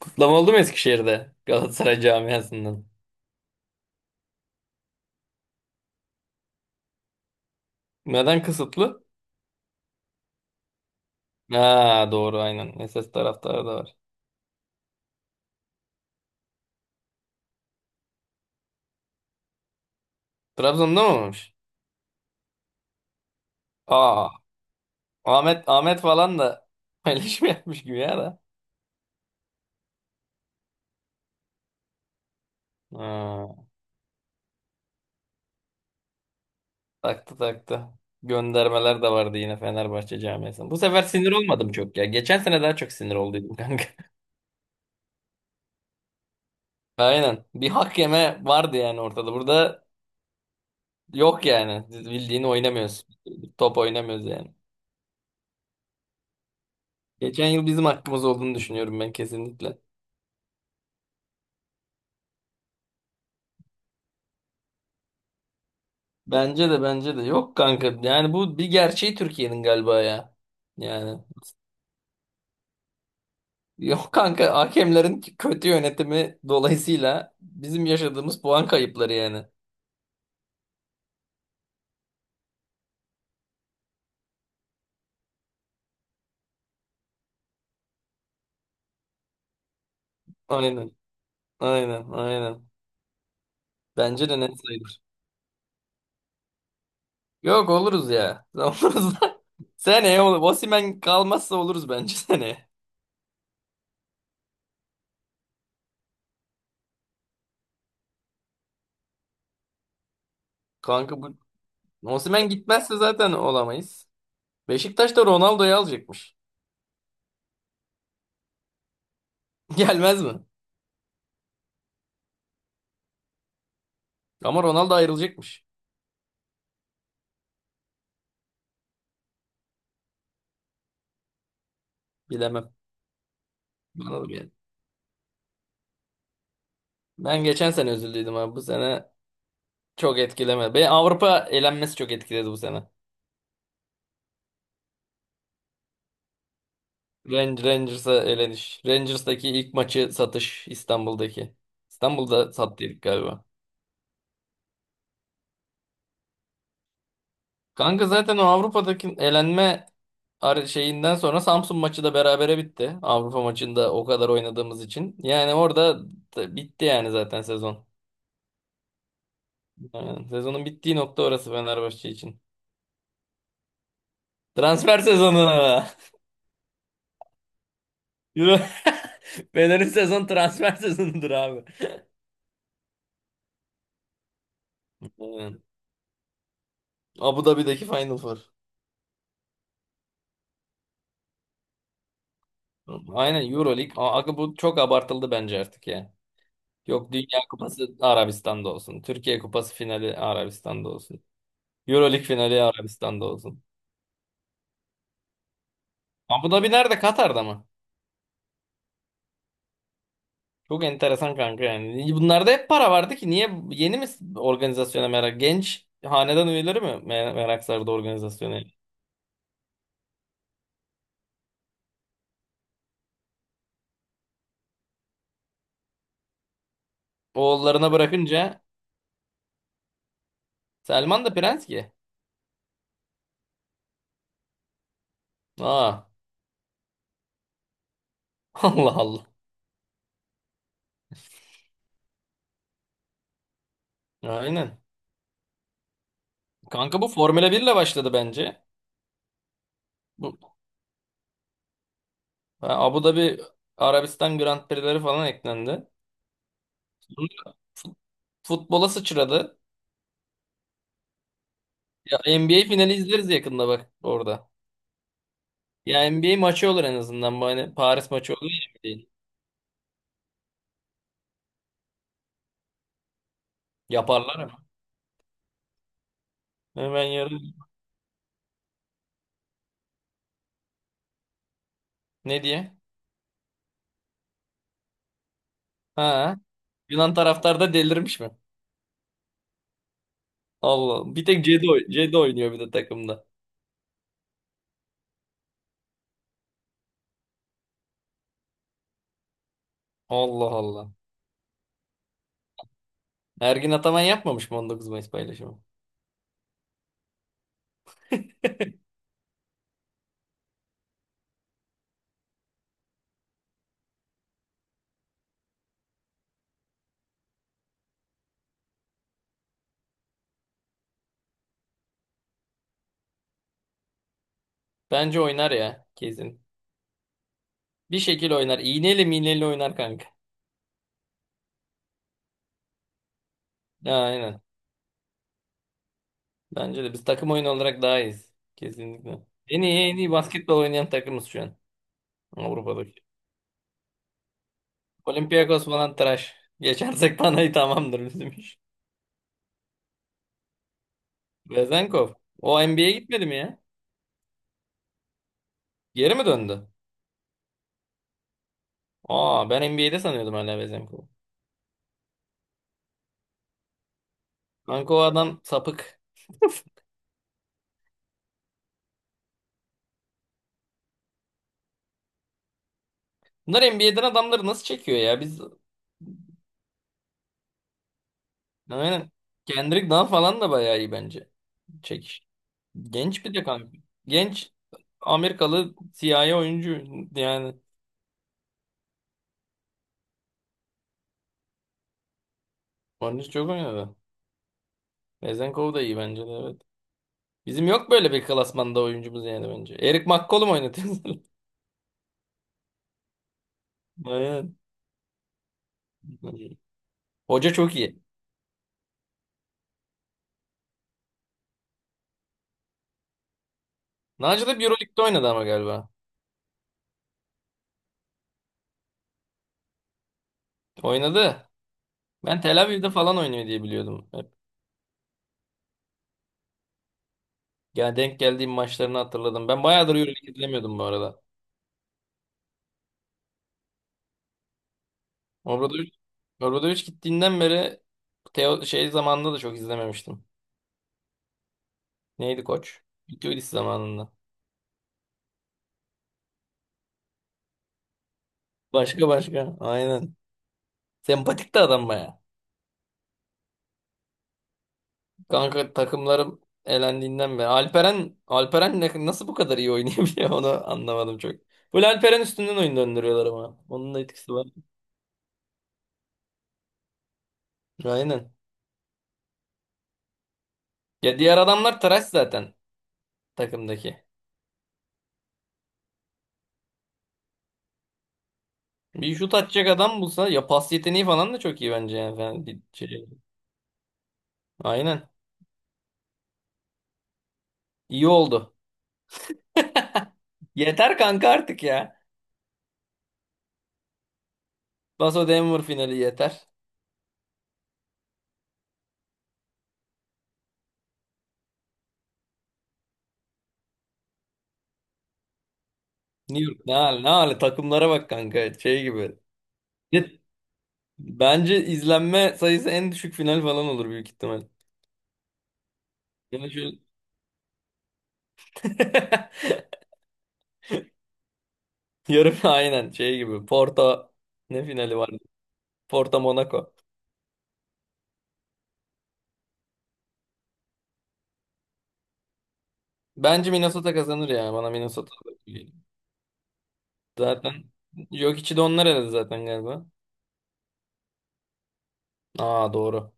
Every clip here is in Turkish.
Kutlama oldu mu Eskişehir'de Galatasaray camiasından? Neden kısıtlı? Ha doğru, aynen. SS taraftarı da var. Trabzon'da mı olmuş? Aa, Ahmet Ahmet falan da paylaşım yapmış gibi ya da. Ha, taktı taktı. Göndermeler de vardı yine Fenerbahçe camiasından. Bu sefer sinir olmadım çok ya. Geçen sene daha çok sinir olduydum, kanka. Aynen. Bir hak yeme vardı yani ortada. Burada yok yani. Bildiğini oynamıyoruz. Top oynamıyoruz yani. Geçen yıl bizim hakkımız olduğunu düşünüyorum ben, kesinlikle. Bence de yok, kanka. Yani bu bir gerçeği Türkiye'nin galiba ya. Yani yok kanka, hakemlerin kötü yönetimi dolayısıyla bizim yaşadığımız puan kayıpları yani. Aynen. Aynen. Aynen. Bence de net sayılır. Yok, oluruz ya. Oluruz da. Seneye olur. Osimhen kalmazsa oluruz bence seneye. Kanka bu Osimhen gitmezse zaten olamayız. Beşiktaş da Ronaldo'yu alacakmış. Gelmez mi? Ama Ronaldo ayrılacakmış. Bilemem. Bana da gelmez. Ben geçen sene üzüldüydüm abi. Bu sene çok etkilemedi. Beni Avrupa elenmesi çok etkiledi bu sene. Rangers'a eleniş. Rangers'taki ilk maçı satış İstanbul'daki. İstanbul'da sattıydık galiba. Kanka zaten o Avrupa'daki elenme şeyinden sonra Samsun maçı da berabere bitti. Avrupa maçında o kadar oynadığımız için. Yani orada da bitti yani zaten sezon. Yani sezonun bittiği nokta orası Fenerbahçe için. Transfer sezonu. Euro- Fener'in sezon transfer sezonudur abi. Aynen. Abu Dhabi'deki Final Four. Aynen EuroLeague. Aga bu çok abartıldı bence artık ya. Yok, Dünya Kupası Arabistan'da olsun. Türkiye Kupası finali Arabistan'da olsun. EuroLeague finali Arabistan'da olsun. Abu Dhabi nerede? Katar'da mı? Çok enteresan kanka yani. Bunlarda hep para vardı ki niye yeni mi organizasyona merak? Genç hanedan üyeleri mi merak sardı organizasyona? Oğullarına bırakınca Selman da prens ki. Aa, Allah Allah. Aynen. Kanka bu Formula 1 ile başladı bence. Bu ha, Abu Dhabi Arabistan Grand Prix'leri falan eklendi. Fut- Futbola sıçradı. Ya NBA finali izleriz yakında bak orada. Ya NBA maçı olur en azından. Bu hani Paris maçı olur ya değil. Yaparlar ama. Hemen yarın ne diye? Ha. Yunan taraftar da delirmiş mi? Allah. Bir tek Cedi, Cedi oynuyor bir de takımda. Allah Allah. Ergin Ataman yapmamış mı 19 Mayıs paylaşımı? Bence oynar ya kesin. Bir şekil oynar. İğneyle miğneyle oynar, kanka. Ha, aynen. Bence de biz takım oyunu olarak daha iyiyiz. Kesinlikle. En iyi en iyi basketbol oynayan takımız şu an. Avrupa'daki. Olympiakos falan tıraş. Geçersek Panayı tamamdır bizim iş. Vezenkov. O NBA'ye gitmedi mi ya? Geri mi döndü? Aa, ben NBA'de sanıyordum hala Vezenkov'u. Kanka o adam sapık. Bunlar NBA'den adamları nasıl çekiyor ya? Biz aynen. Kendrick Nunn falan da bayağı iyi bence. Çekiş. Genç bir de kanka. Genç Amerikalı siyahi oyuncu yani. Onun için çok oynadı. Vezenkov da iyi bence de evet. Bizim yok böyle bir klasmanda oyuncumuz yani bence. Eric McCollum oynatıyorsun. Aynen. Hoca çok iyi. Naci de Euroleague'de oynadı ama galiba. Oynadı. Ben Tel Aviv'de falan oynuyor diye biliyordum hep. Yani denk geldiğim maçlarını hatırladım. Ben bayağıdır Euroleague izlemiyordum bu arada. Obradoviç, Obradoviç gittiğinden beri Teo, şey zamanında da çok izlememiştim. Neydi koç? Vitolis zamanında. Başka başka. Aynen. Sempatik de adam bayağı. Kanka takımlarım elendiğinden beri. Alperen nasıl bu kadar iyi oynayabiliyor onu anlamadım çok. Full Alperen üstünden oyun döndürüyorlar ama. Onun da etkisi var. Aynen. Ya diğer adamlar trash zaten takımdaki. Bir şut atacak adam bulsa ya, pas yeteneği falan da çok iyi bence yani. Falan bir şey. Aynen. İyi oldu. Yeter kanka artık ya. Paso Denver finali yeter. New York ne hal ne hali takımlara bak kanka şey gibi. Ya, bence izlenme sayısı en düşük final falan olur büyük ihtimal. Yani şu yarım aynen şey gibi. Porto ne finali vardı? Porto Monaco. Bence Minnesota kazanır ya. Bana Minnesota geliyor. Zaten yok içi de onlar eledi zaten galiba. Aa doğru.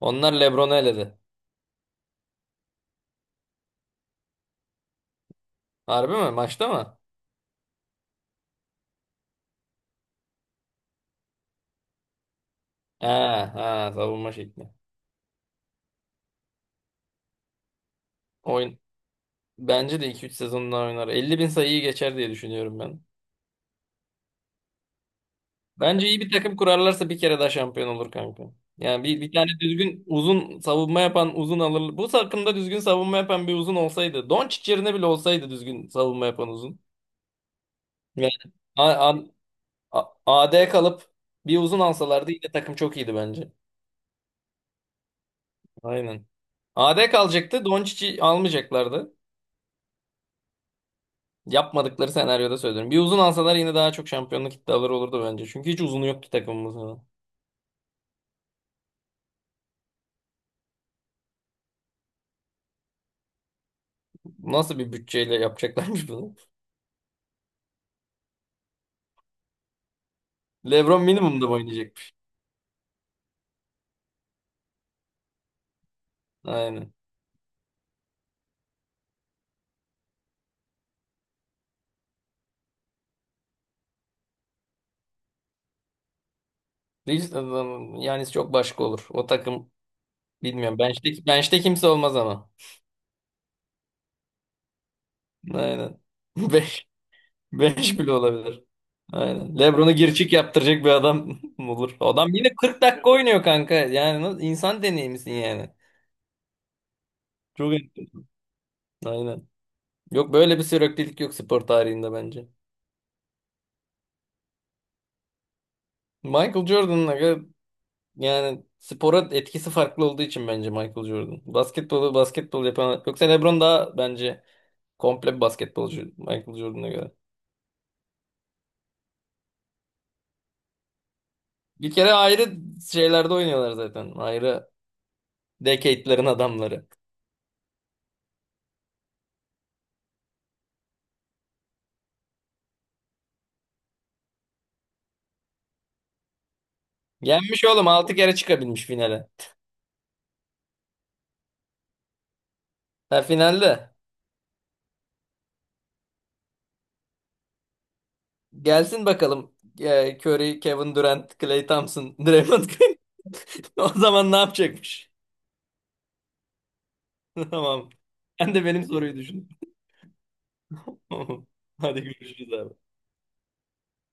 Onlar LeBron'u eledi. Harbi mi? Maçta mı? Ha ha, savunma şekli. Oyun bence de iki üç sezon daha oynar. 50.000 sayıyı geçer diye düşünüyorum ben. Bence iyi bir takım kurarlarsa bir kere daha şampiyon olur kanka. Yani bir tane düzgün uzun savunma yapan uzun alır. Bu takımda düzgün savunma yapan bir uzun olsaydı. Doncic yerine bile olsaydı düzgün savunma yapan uzun. Yani A- A- AD kalıp bir uzun alsalardı yine takım çok iyiydi bence. Aynen. A D kalacaktı. Doncic'i almayacaklardı. Yapmadıkları senaryoda söylüyorum. Bir uzun alsalar yine daha çok şampiyonluk iddiaları olurdu bence. Çünkü hiç uzunu yoktu takımımızda. Nasıl bir bütçeyle yapacaklarmış bunu? LeBron minimumda mı oynayacak? Aynen. Reels yani çok başka olur. O takım bilmiyorum. Bench'te kimse olmaz ama. Aynen. Beş, beş bile olabilir. Aynen. LeBron'u gir çık yaptıracak bir adam mı olur. Adam yine 40 dakika oynuyor kanka. Yani nasıl- insan deneyimisin yani. Çok. Aynen. Yok böyle bir süreklilik yok spor tarihinde bence. Michael Jordan'la yani spora etkisi farklı olduğu için bence Michael Jordan. Basketbolu basketbol yapan yoksa LeBron daha bence komple bir basketbolcu Michael Jordan'a göre. Bir kere ayrı şeylerde oynuyorlar zaten. Ayrı decade'lerin adamları. Yenmiş oğlum 6 kere çıkabilmiş finale. Ha finalde. Gelsin bakalım e, Curry, Kevin Durant, Klay Thompson, Draymond Green. O zaman ne yapacakmış? Tamam. Sen de benim soruyu düşün. Hadi görüşürüz abi.